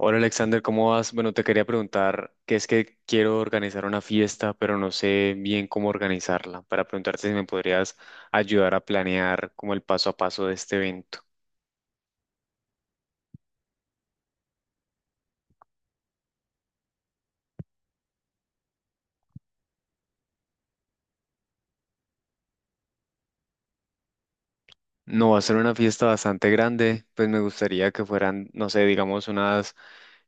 Hola Alexander, ¿cómo vas? Bueno, te quería preguntar que es que quiero organizar una fiesta, pero no sé bien cómo organizarla, para preguntarte si me podrías ayudar a planear como el paso a paso de este evento. No va a ser una fiesta bastante grande, pues me gustaría que fueran, no sé, digamos unas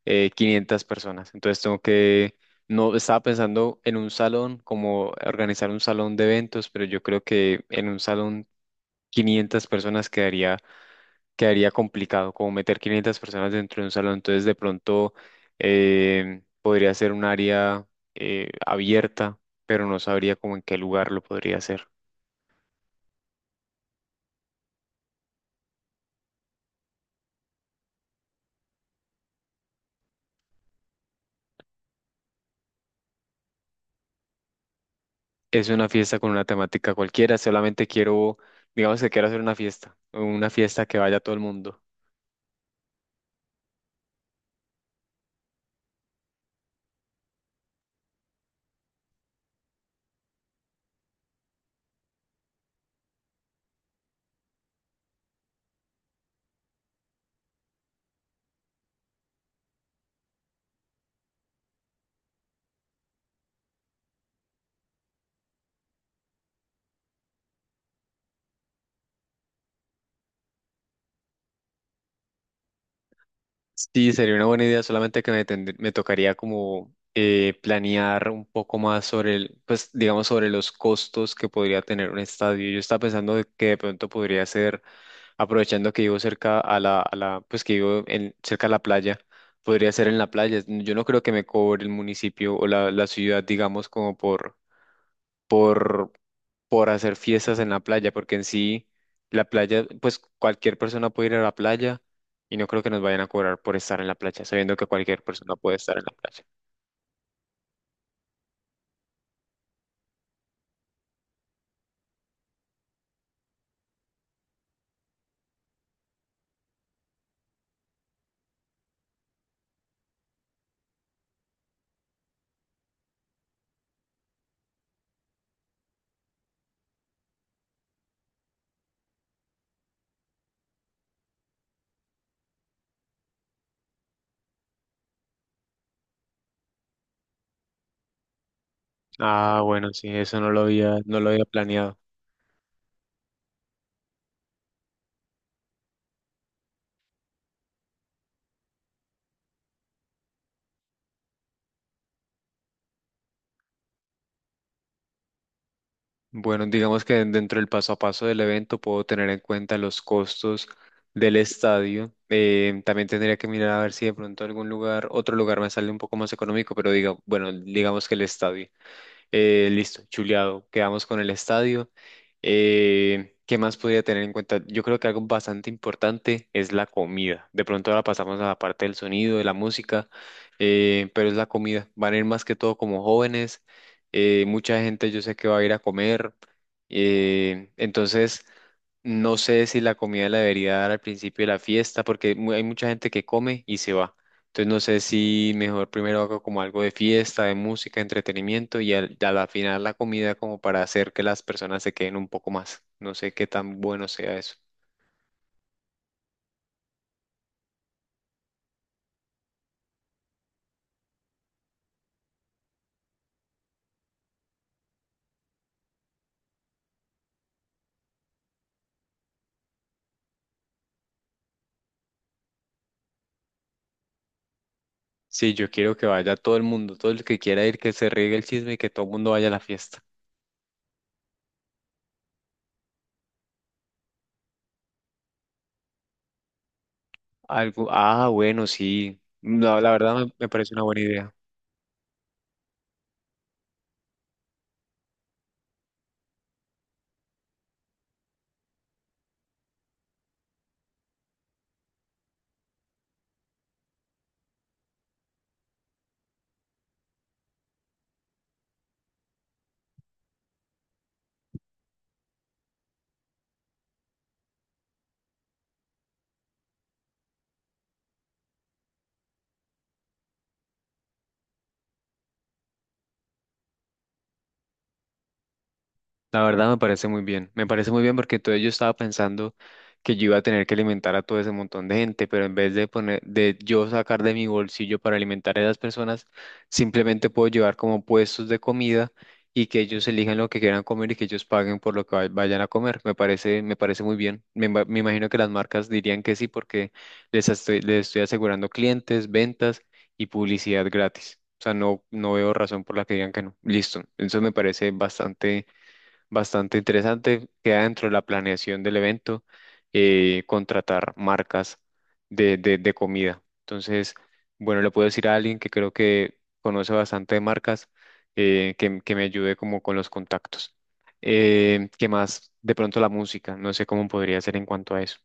500 personas. Entonces tengo que, no, estaba pensando en un salón, como organizar un salón de eventos, pero yo creo que en un salón 500 personas quedaría complicado, como meter 500 personas dentro de un salón. Entonces, de pronto podría ser un área abierta, pero no sabría como en qué lugar lo podría hacer. Es una fiesta con una temática cualquiera, solamente quiero, digamos que quiero hacer una fiesta que vaya todo el mundo. Sí, sería una buena idea, solamente que me, me tocaría como planear un poco más sobre el, pues digamos sobre los costos que podría tener un estadio. Yo estaba pensando de que de pronto podría ser aprovechando que vivo cerca a la, pues que vivo en, cerca a la playa, podría ser en la playa. Yo no creo que me cobre el municipio o la ciudad, digamos, como por, por hacer fiestas en la playa, porque en sí la playa, pues cualquier persona puede ir a la playa y no creo que nos vayan a cobrar por estar en la playa, sabiendo que cualquier persona puede estar en la playa. Ah, bueno, sí, eso no lo había planeado. Bueno, digamos que dentro del paso a paso del evento puedo tener en cuenta los costos del estadio. También tendría que mirar a ver si de pronto algún lugar, otro lugar me sale un poco más económico, pero diga, bueno, digamos que el estadio. Listo, chuleado. Quedamos con el estadio. ¿Qué más podría tener en cuenta? Yo creo que algo bastante importante es la comida. De pronto ahora pasamos a la parte del sonido, de la música, pero es la comida. Van a ir más que todo como jóvenes. Mucha gente yo sé que va a ir a comer. Entonces, no sé si la comida la debería dar al principio de la fiesta, porque hay mucha gente que come y se va. Entonces no sé si mejor primero hago como algo de fiesta, de música, entretenimiento y a la final la comida como para hacer que las personas se queden un poco más. No sé qué tan bueno sea eso. Sí, yo quiero que vaya todo el mundo, todo el que quiera ir, que se riegue el chisme y que todo el mundo vaya a la fiesta. Algo, ah, bueno, sí. No, la verdad me parece una buena idea. La verdad me parece muy bien, me parece muy bien porque todo yo estaba pensando que yo iba a tener que alimentar a todo ese montón de gente, pero en vez de poner, de yo sacar de mi bolsillo para alimentar a esas personas, simplemente puedo llevar como puestos de comida y que ellos elijan lo que quieran comer y que ellos paguen por lo que vayan a comer. Me parece muy bien. Me imagino que las marcas dirían que sí porque les estoy asegurando clientes, ventas y publicidad gratis. O sea, no veo razón por la que digan que no. Listo. Eso me parece bastante interesante. Queda dentro de la planeación del evento contratar marcas de comida. Entonces, bueno, le puedo decir a alguien que creo que conoce bastante de marcas que me ayude como con los contactos. ¿Qué más? De pronto la música. No sé cómo podría ser en cuanto a eso.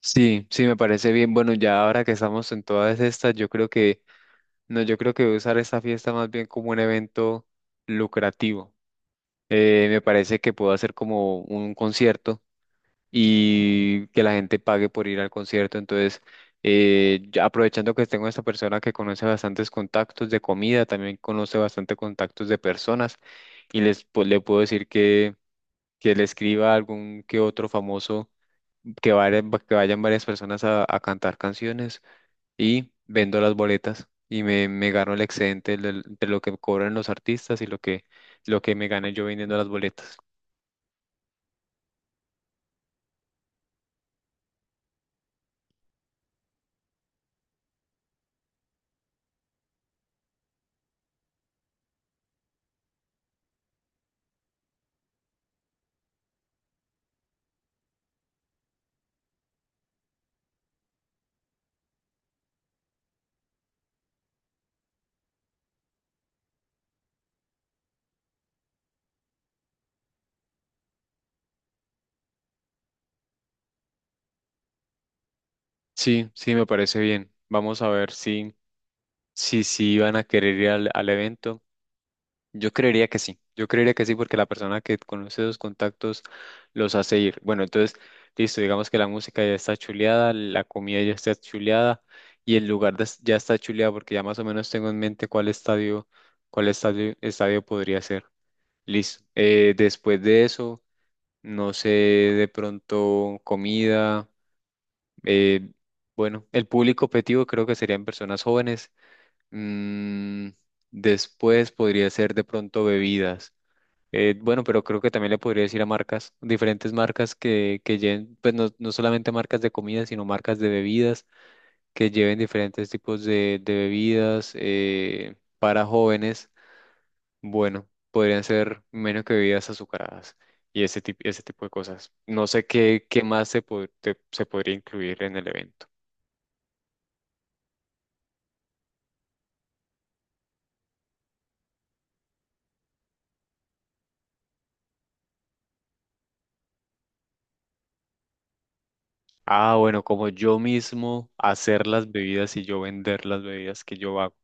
Sí, sí, me parece bien. Bueno, ya ahora que estamos en todas estas, yo creo que, no, yo creo que voy a usar esta fiesta más bien como un evento lucrativo. Me parece que puedo hacer como un concierto y que la gente pague por ir al concierto. Entonces, ya aprovechando que tengo esta persona que conoce bastantes contactos de comida, también conoce bastante contactos de personas y le puedo decir que le escriba a algún que otro famoso que vayan varias personas a cantar canciones y vendo las boletas y me gano el excedente de lo que cobran los artistas y lo que me gane yo vendiendo las boletas. Sí, sí, me parece bien. Vamos a ver si van a querer ir al evento. Yo creería que sí. Yo creería que sí, porque la persona que conoce los contactos los hace ir. Bueno, entonces, listo, digamos que la música ya está chuleada, la comida ya está chuleada y el lugar ya está chuleado, porque ya más o menos tengo en mente cuál estadio, estadio podría ser. Listo. Después de eso, no sé, de pronto comida. Eh, bueno, el público objetivo creo que serían personas jóvenes. Mm, después podría ser de pronto bebidas. Bueno, pero creo que también le podría decir a marcas, diferentes marcas que lleven, pues no, no solamente marcas de comida, sino marcas de bebidas, que lleven diferentes tipos de bebidas para jóvenes. Bueno, podrían ser menos que bebidas azucaradas y ese tipo de cosas. No sé qué, qué más se podría incluir en el evento. Ah, bueno, como yo mismo hacer las bebidas y yo vender las bebidas que yo hago.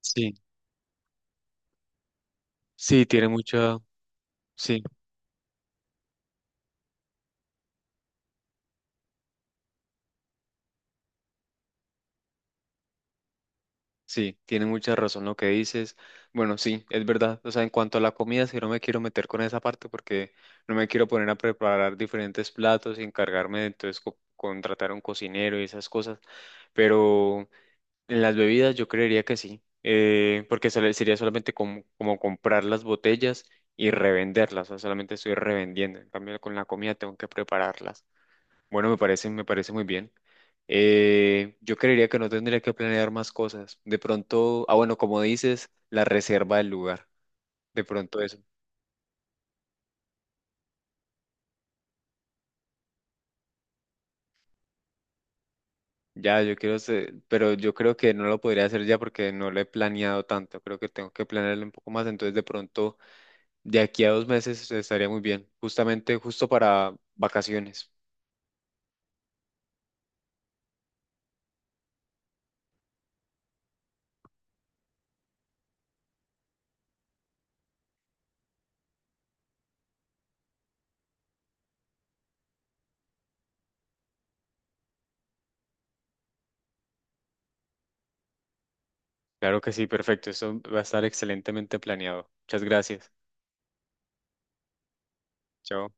Sí, sí, tiene mucha, sí, sí, tiene mucha razón lo que dices. Bueno, sí, es verdad. O sea, en cuanto a la comida, sí no me quiero meter con esa parte porque no me quiero poner a preparar diferentes platos y encargarme de entonces contratar a un cocinero y esas cosas. Pero en las bebidas yo creería que sí, porque sería solamente como comprar las botellas y revenderlas, o sea, solamente estoy revendiendo. En cambio, con la comida tengo que prepararlas. Bueno, me parece muy bien. Yo creería que no tendría que planear más cosas. De pronto, ah, bueno, como dices, la reserva del lugar. De pronto eso. Ya, yo quiero pero yo creo que no lo podría hacer ya porque no lo he planeado tanto. Creo que tengo que planearlo un poco más. Entonces, de pronto de aquí a 2 meses estaría muy bien, justamente justo para vacaciones. Claro que sí, perfecto. Eso va a estar excelentemente planeado. Muchas gracias. Chao.